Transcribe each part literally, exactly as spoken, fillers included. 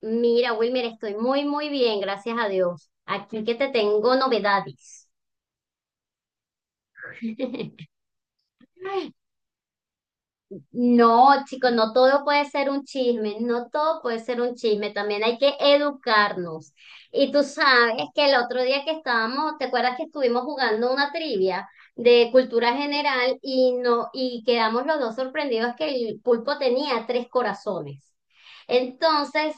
Mira, Wilmer, estoy muy, muy bien, gracias a Dios. Aquí que te tengo novedades. No, chicos, no todo puede ser un chisme, no todo puede ser un chisme, también hay que educarnos. Y tú sabes que el otro día que estábamos, ¿te acuerdas que estuvimos jugando una trivia de cultura general y no, y quedamos los dos sorprendidos que el pulpo tenía tres corazones? Entonces,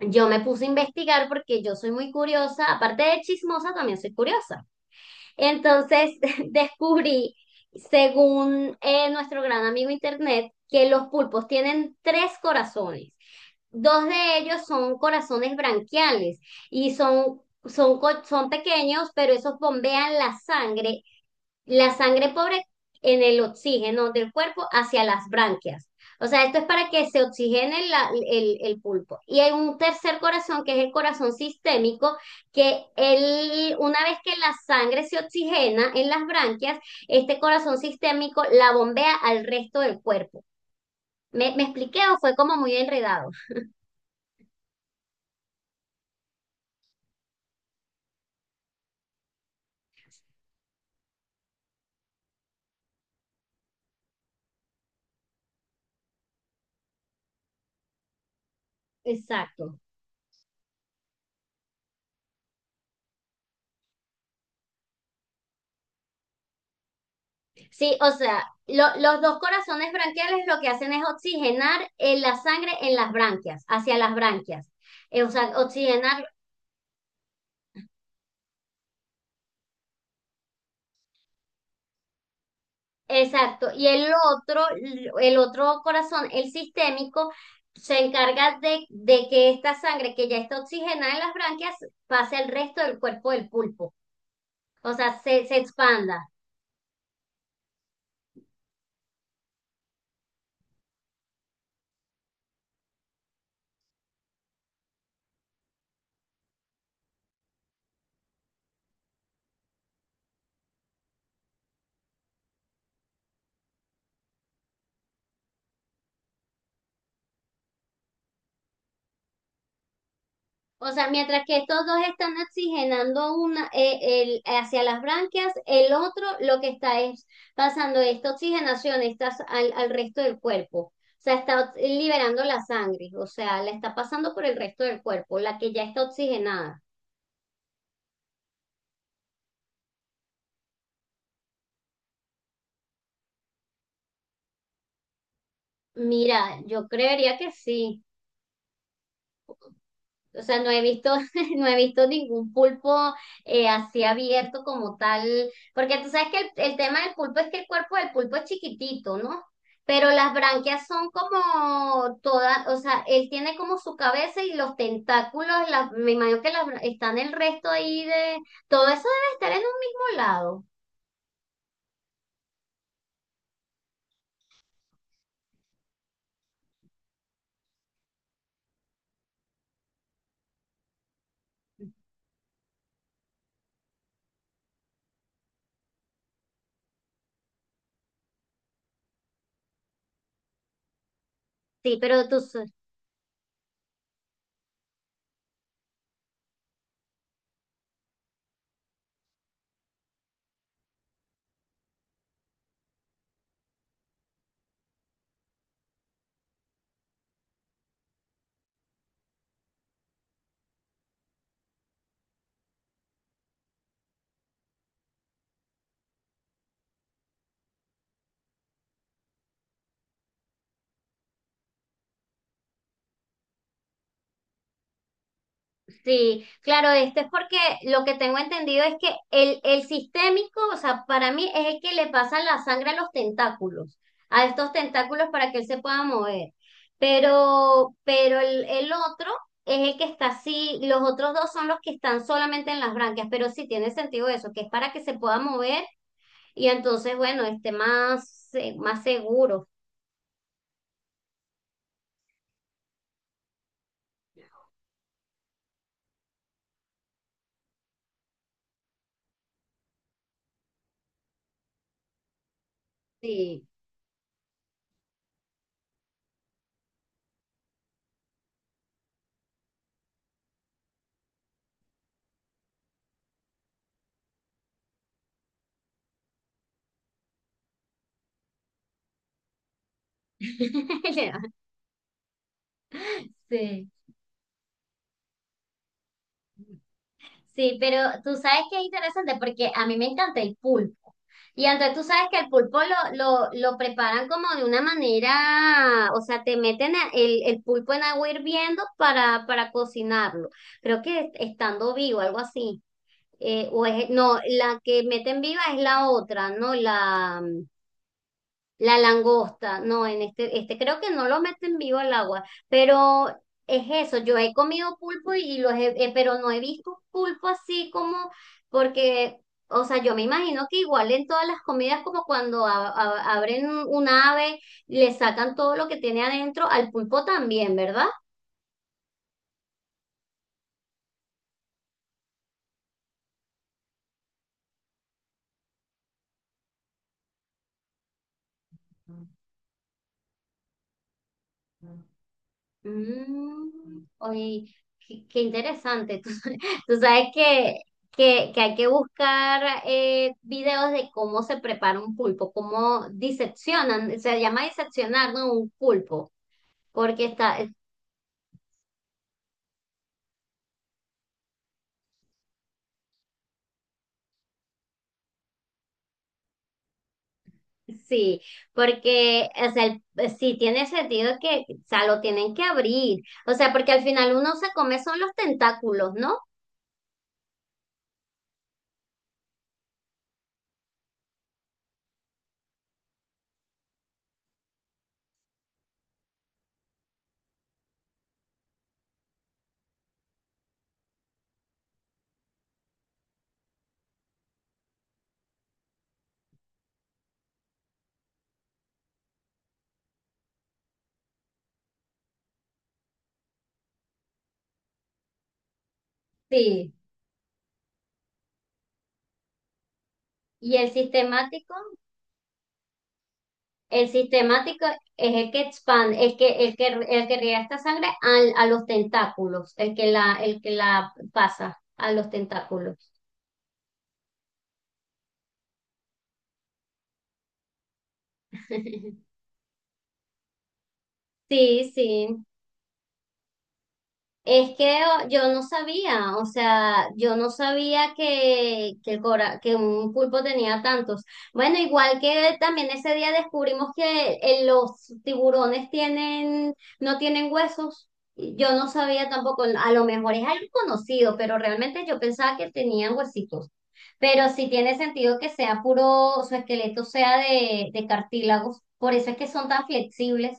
yo me puse a investigar porque yo soy muy curiosa, aparte de chismosa, también soy curiosa. Entonces descubrí, según eh, nuestro gran amigo Internet, que los pulpos tienen tres corazones. Dos de ellos son corazones branquiales y son, son, co- son pequeños, pero esos bombean la sangre la sangre pobre en el oxígeno del cuerpo hacia las branquias. O sea, esto es para que se oxigene la- el, el pulpo. Y hay un tercer corazón, que es el corazón sistémico, que él, una vez que la sangre se oxigena en las branquias, este corazón sistémico la bombea al resto del cuerpo. ¿Me, me expliqué o fue como muy enredado? Exacto. Sí, o sea, lo- los dos corazones branquiales lo que hacen es oxigenar en la sangre en las branquias, hacia las branquias. Eh, o sea, oxigenar, exacto. Y el otro, el otro corazón, el sistémico, se encarga de, de que esta sangre que ya está oxigenada en las branquias pase al resto del cuerpo del pulpo. O sea, se, se expanda. O sea, mientras que estos dos están oxigenando una, eh, el, hacia las branquias, el otro lo que está es pasando esta oxigenación estas al, al resto del cuerpo. O sea, está liberando la sangre, o sea, la está pasando por el resto del cuerpo, la que ya está oxigenada. Mira, yo creería que sí. O sea, no he visto, no he visto ningún pulpo eh, así abierto como tal, porque tú sabes que el, el tema del pulpo es que el cuerpo del pulpo es chiquitito, ¿no? Pero las branquias son como todas, o sea, él tiene como su cabeza y los tentáculos, las- me imagino que las, bra- están el resto ahí de, todo eso debe estar en un mismo lado. Sí, pero tú, sí, claro, esto es porque lo que tengo entendido es que el, el sistémico, o sea, para mí es el que le pasa la sangre a los tentáculos, a estos tentáculos para que él se pueda mover. Pero, pero el, el otro es el que está así, los otros dos son los que están solamente en las branquias, pero sí tiene sentido eso, que es para que se pueda mover y entonces, bueno, esté más, eh, más seguro. Sí. Sí. Sí, pero tú sabes que es interesante porque a mí me encanta el pulpo. Y entonces tú sabes que el pulpo lo, lo, lo preparan como de una manera, o sea, te meten a- el, el pulpo en agua hirviendo para, para cocinarlo. Creo que estando vivo, algo así. Eh, o es, no, la que meten viva es la otra, ¿no? La langosta, no, en este, este creo que no lo meten vivo al agua, pero es eso, yo he comido pulpo y los he- eh, pero no he visto pulpo así como, porque, o sea, yo me imagino que igual en todas las comidas, como cuando a- a- abren un un ave, le sacan todo lo que tiene adentro, al pulpo también, ¿verdad? Mm, oye, qué, qué interesante. Tú, tú sabes que, que, que hay que buscar eh, videos de cómo se prepara un pulpo, cómo diseccionan, se llama diseccionar, ¿no? Un pulpo, porque está, eh, sí, porque o sea, el- eh, sí tiene sentido que, o sea, lo tienen que abrir, o sea, porque al final uno se come son los tentáculos, ¿no? Sí. ¿Y el sistemático? El sistemático es el que expande, el que, el que, el que riega esta sangre al- a, los tentáculos, el que la, el que la pasa a los tentáculos. Sí, sí. Es que o- yo no sabía, o sea, yo no sabía que, que, el cora- que un pulpo tenía tantos. Bueno, igual que también ese día descubrimos que eh, los tiburones tienen, no tienen huesos. Yo no sabía tampoco, a lo mejor es algo conocido, pero realmente yo pensaba que tenían huesitos. Pero sí tiene sentido que sea puro, su esqueleto sea de, de cartílagos, por eso es que son tan flexibles.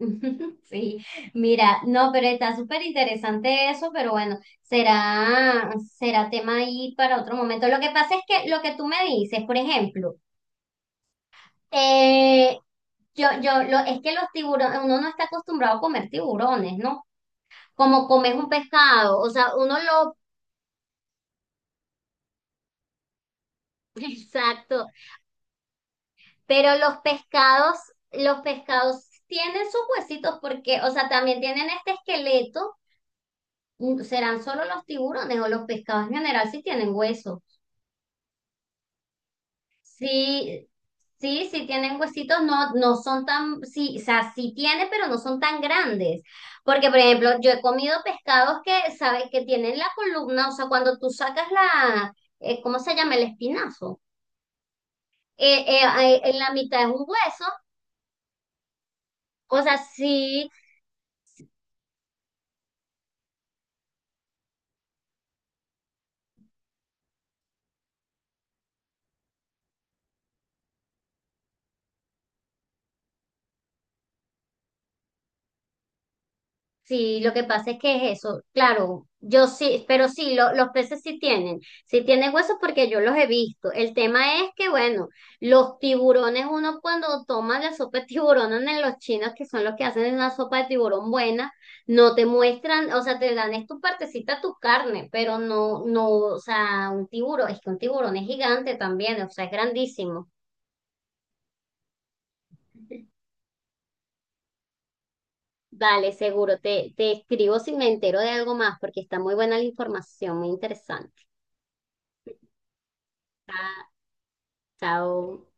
Sí, mira, no, pero está súper interesante eso, pero bueno, será, será tema ahí para otro momento. Lo que pasa es que lo que tú me dices, por ejemplo, eh, yo, yo, lo, es que los tiburones, uno no está acostumbrado a comer tiburones, ¿no? Como comes un pescado, o sea, uno lo, exacto, pero los pescados, los pescados tienen sus huesitos porque, o sea, también tienen este esqueleto, mm, ¿serán solo los tiburones o los pescados en general si tienen huesos? Sí, sí, sí tienen huesitos, no, no son tan, sí, o sea, sí tiene, pero no son tan grandes. Porque, por ejemplo, yo he comido pescados que, ¿sabes? Que tienen la columna, o sea, cuando tú sacas la, eh, ¿cómo se llama? El espinazo. eh, eh, eh, en la mitad es un hueso. O sea, sí. Sí, lo que pasa es que es eso, claro, yo sí, pero sí, lo- los peces sí tienen, sí tienen huesos porque yo los he visto. El tema es que, bueno, los tiburones, uno cuando toma la sopa de tiburón en los chinos, que son los que hacen una sopa de tiburón buena, no te muestran, o sea, te dan es tu partecita, tu carne, pero no, no, o sea, un tiburón, es que un tiburón es gigante también, o sea, es grandísimo. Dale, seguro, te, te escribo si me entero de algo más, porque está muy buena la información, muy interesante. Chao.